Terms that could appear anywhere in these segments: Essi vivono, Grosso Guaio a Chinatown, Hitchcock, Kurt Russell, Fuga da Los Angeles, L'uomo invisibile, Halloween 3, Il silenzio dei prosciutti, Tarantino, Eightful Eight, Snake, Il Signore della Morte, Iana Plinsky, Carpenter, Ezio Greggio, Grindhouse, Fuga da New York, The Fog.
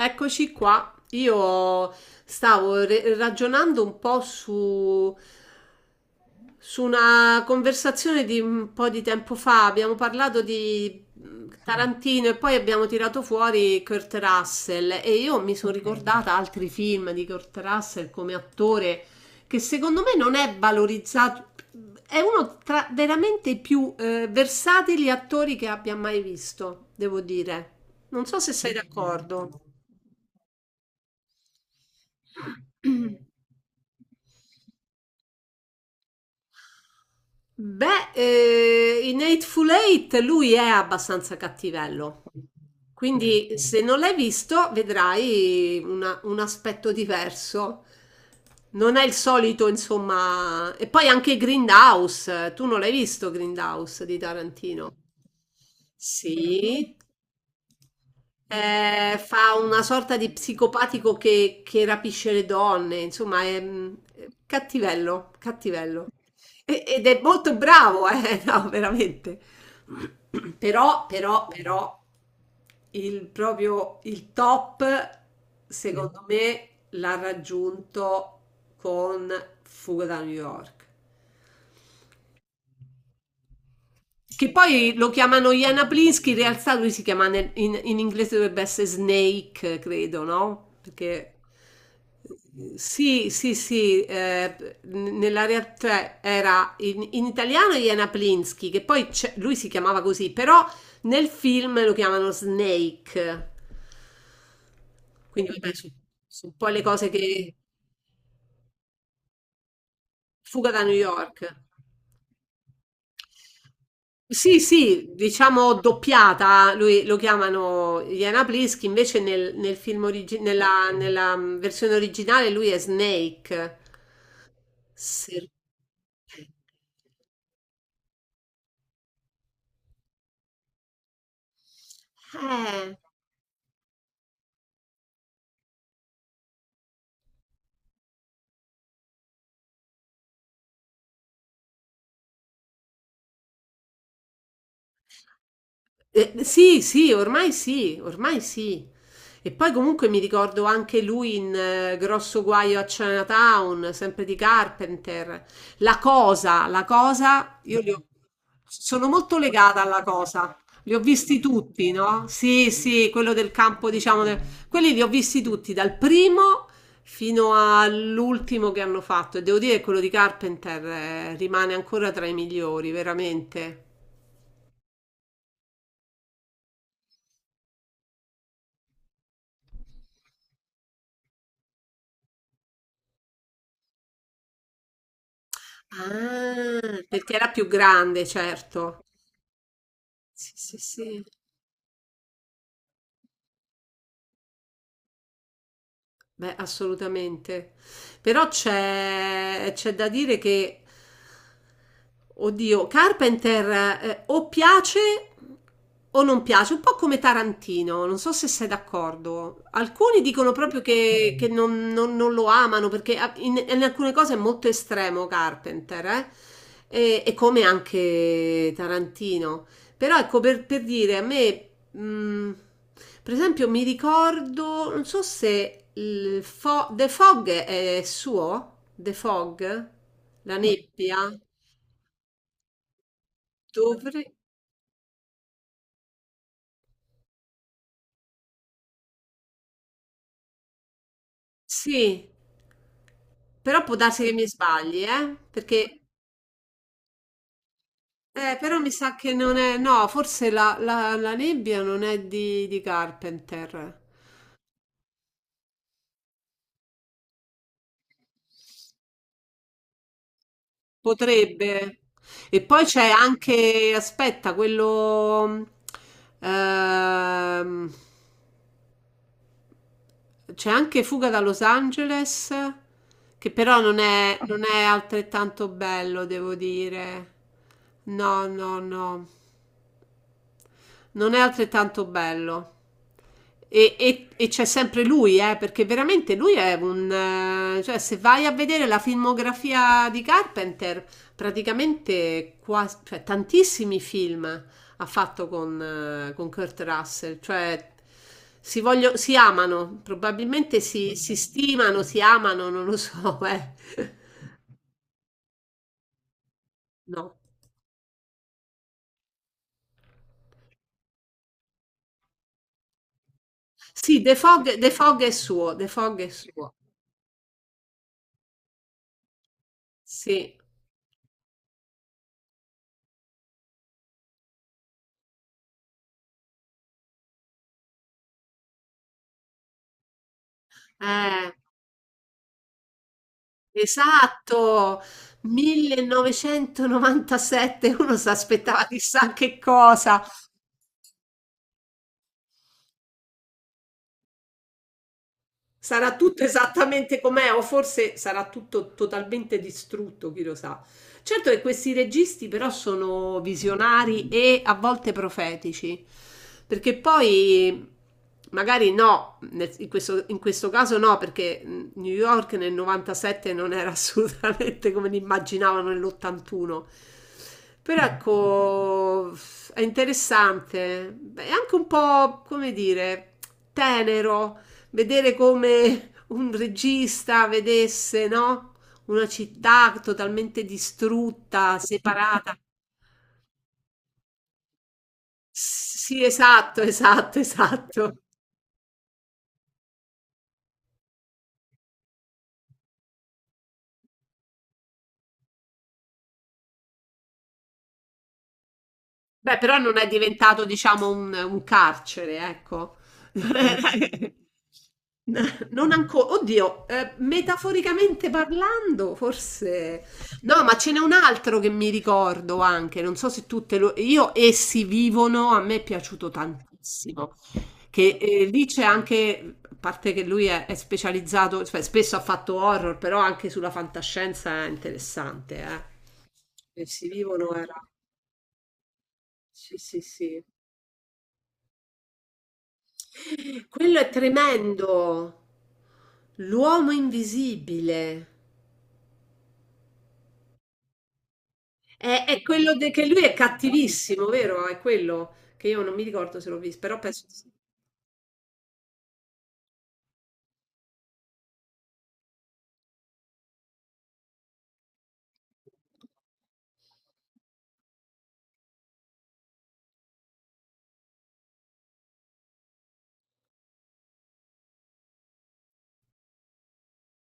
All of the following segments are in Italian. Eccoci qua. Io stavo ragionando un po' su una conversazione di un po' di tempo fa. Abbiamo parlato di Tarantino e poi abbiamo tirato fuori Kurt Russell e io mi sono ricordata altri film di Kurt Russell come attore che secondo me non è valorizzato. È uno tra veramente i più versatili attori che abbia mai visto, devo dire. Non so se sei d'accordo. Beh, in Eightful Eight lui è abbastanza cattivello, quindi se non l'hai visto vedrai un aspetto diverso. Non è il solito, insomma. E poi anche Grindhouse, tu non l'hai visto Grindhouse di Tarantino? Sì. Fa una sorta di psicopatico che rapisce le donne, insomma, è cattivello, cattivello. Ed è molto bravo, no, veramente. Però, il proprio, il top, secondo me, l'ha raggiunto con Fuga da New York. Che poi lo chiamano Iana Plinsky, in realtà lui si chiama in inglese dovrebbe essere Snake, credo, no? Perché sì, sì, sì, nella realtà era in italiano Iana Plinsky, che poi lui si chiamava così, però nel film lo chiamano Snake. Quindi vabbè, sono un po' le cose che... Fuga da New York. Sì, sì, diciamo doppiata, lui, lo chiamano Iana Plisk, invece nel film nella versione originale lui è Snake. Se- sì, sì, ormai sì, ormai sì. E poi comunque mi ricordo anche lui in Grosso Guaio a Chinatown, sempre di Carpenter. La cosa, sono molto legata alla cosa. Li ho visti tutti, no? Sì, sì, quello del campo, diciamo, quelli li ho visti tutti, dal primo fino all'ultimo che hanno fatto. E devo dire che quello di Carpenter, rimane ancora tra i migliori, veramente. Ah, perché era più grande, certo. Sì, sì, sì. Beh, assolutamente. Però c'è da dire che, oddio, Carpenter o piace o non piace, un po' come Tarantino, non so se sei d'accordo. Alcuni dicono proprio che non, non lo amano perché in alcune cose è molto estremo Carpenter, eh? E come anche Tarantino. Però ecco, per dire, a me, per esempio, mi ricordo, non so se il The Fog è suo, The Fog, la nebbia, dovrei... Sì, però può darsi che mi sbagli, eh? Perché, però mi sa che non è, no, forse la nebbia non è di Carpenter. Potrebbe. E poi c'è anche, aspetta, quello... ehm, c'è anche Fuga da Los Angeles, che però non è altrettanto bello, devo dire. No, no, no. Non è altrettanto bello. E c'è sempre lui, perché veramente lui è un... cioè se vai a vedere la filmografia di Carpenter, praticamente quasi, cioè, tantissimi film ha fatto con Kurt Russell, cioè si amano, probabilmente si stimano, si amano, non lo so, eh. No. Sì, The Fog, The Fog è suo, The Fog è suo, sì. Eh. Esatto, 1997 uno si aspettava chissà che cosa. Sarà tutto esattamente com'è, o forse sarà tutto totalmente distrutto, chi lo sa. Certo che questi registi però sono visionari e a volte profetici, perché poi magari no, in questo, caso no, perché New York nel 97 non era assolutamente come l'immaginavano nell'81. Però ecco, è interessante, è anche un po', come dire, tenero vedere come un regista vedesse, no? Una città totalmente distrutta, separata. Sì, esatto, esatto, esatto. Beh, però non è diventato, diciamo, un carcere, ecco. Non ancora, oddio, metaforicamente parlando, forse. No, ma ce n'è un altro che mi ricordo anche, non so se tutte lo... Io, essi vivono, a me è piaciuto tantissimo. Che lì c'è anche, a parte che lui è specializzato, cioè, spesso ha fatto horror, però anche sulla fantascienza è interessante, eh. Persi vivono era... Sì, sì, sì. Quello è tremendo. L'uomo invisibile. È quello che lui è cattivissimo, vero? È quello che io non mi ricordo se l'ho visto, però penso di sì.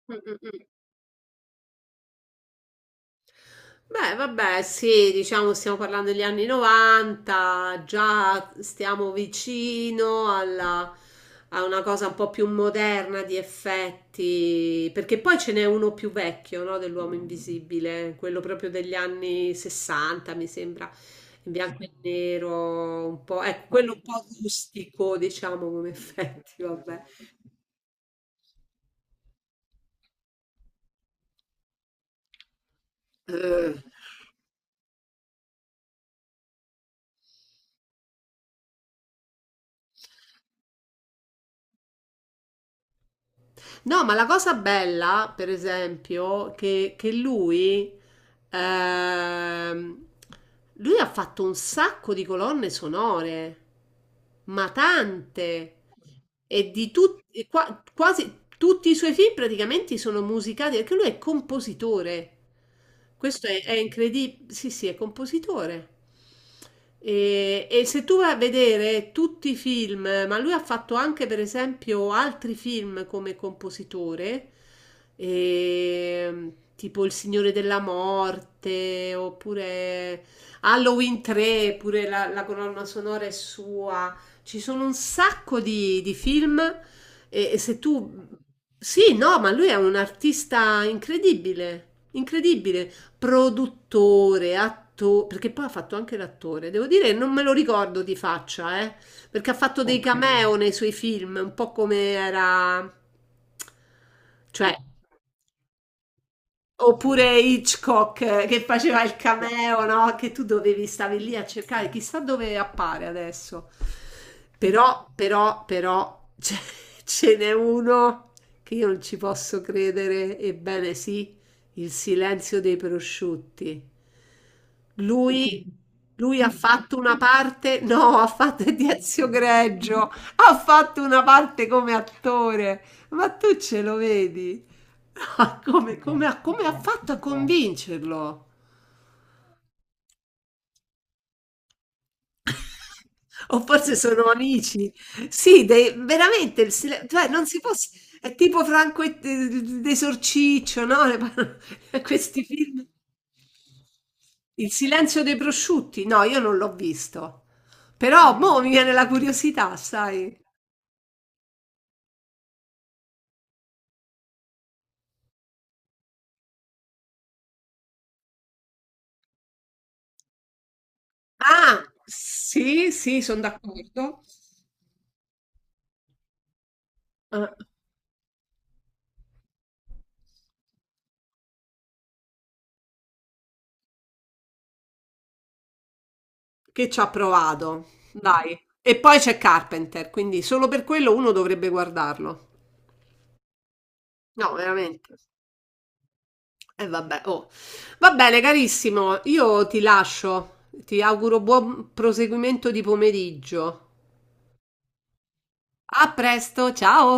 Mm, mm, mm. Beh, vabbè, sì, diciamo stiamo parlando degli anni 90, già stiamo vicino a una cosa un po' più moderna di effetti, perché poi ce n'è uno più vecchio, no, dell'uomo invisibile, quello proprio degli anni 60, mi sembra, in bianco e nero, un po', ecco, quello un po' rustico, diciamo, come effetti, vabbè. Eh. No, ma la cosa bella, per esempio, che ehm, lui ha fatto un sacco di colonne sonore, ma tante, e di tutti, e quasi tutti i suoi film praticamente sono musicati, perché lui è compositore. Questo è incredibile. Sì, sì, è compositore. E se tu vai a vedere tutti i film, ma lui ha fatto anche per esempio altri film come compositore, e, tipo Il Signore della Morte, oppure Halloween 3, pure la colonna sonora è sua. Ci sono un sacco di film e se tu... Sì, no, ma lui è un artista incredibile, incredibile produttore, attore, perché poi ha fatto anche l'attore. Devo dire, non me lo ricordo di faccia, perché ha fatto dei cameo nei suoi film, un po' come era, cioè, oppure Hitchcock che faceva il cameo, no? Che tu dovevi stavi lì a cercare, chissà dove appare adesso. Però, ce n'è uno che io non ci posso credere, ebbene sì, Il silenzio dei prosciutti. Lui, lui ha fatto una parte, no, ha fatto è di Ezio Greggio, ha fatto una parte come attore, ma tu ce lo vedi? Ah, come ha fatto a convincerlo? O forse sono amici. Sì, veramente, il cioè, non si può... È tipo Franco e d'Esorciccio, no? Questi film. Il silenzio dei prosciutti? No, io non l'ho visto. Però, mo' mi viene la curiosità, sai? Ah, sì, sì, sono d'accordo. Che ci ha provato, dai. E poi c'è Carpenter, quindi solo per quello uno dovrebbe guardarlo. No, veramente. E vabbè, oh. Va bene, carissimo, io ti lascio. Ti auguro buon proseguimento di pomeriggio. A presto, ciao.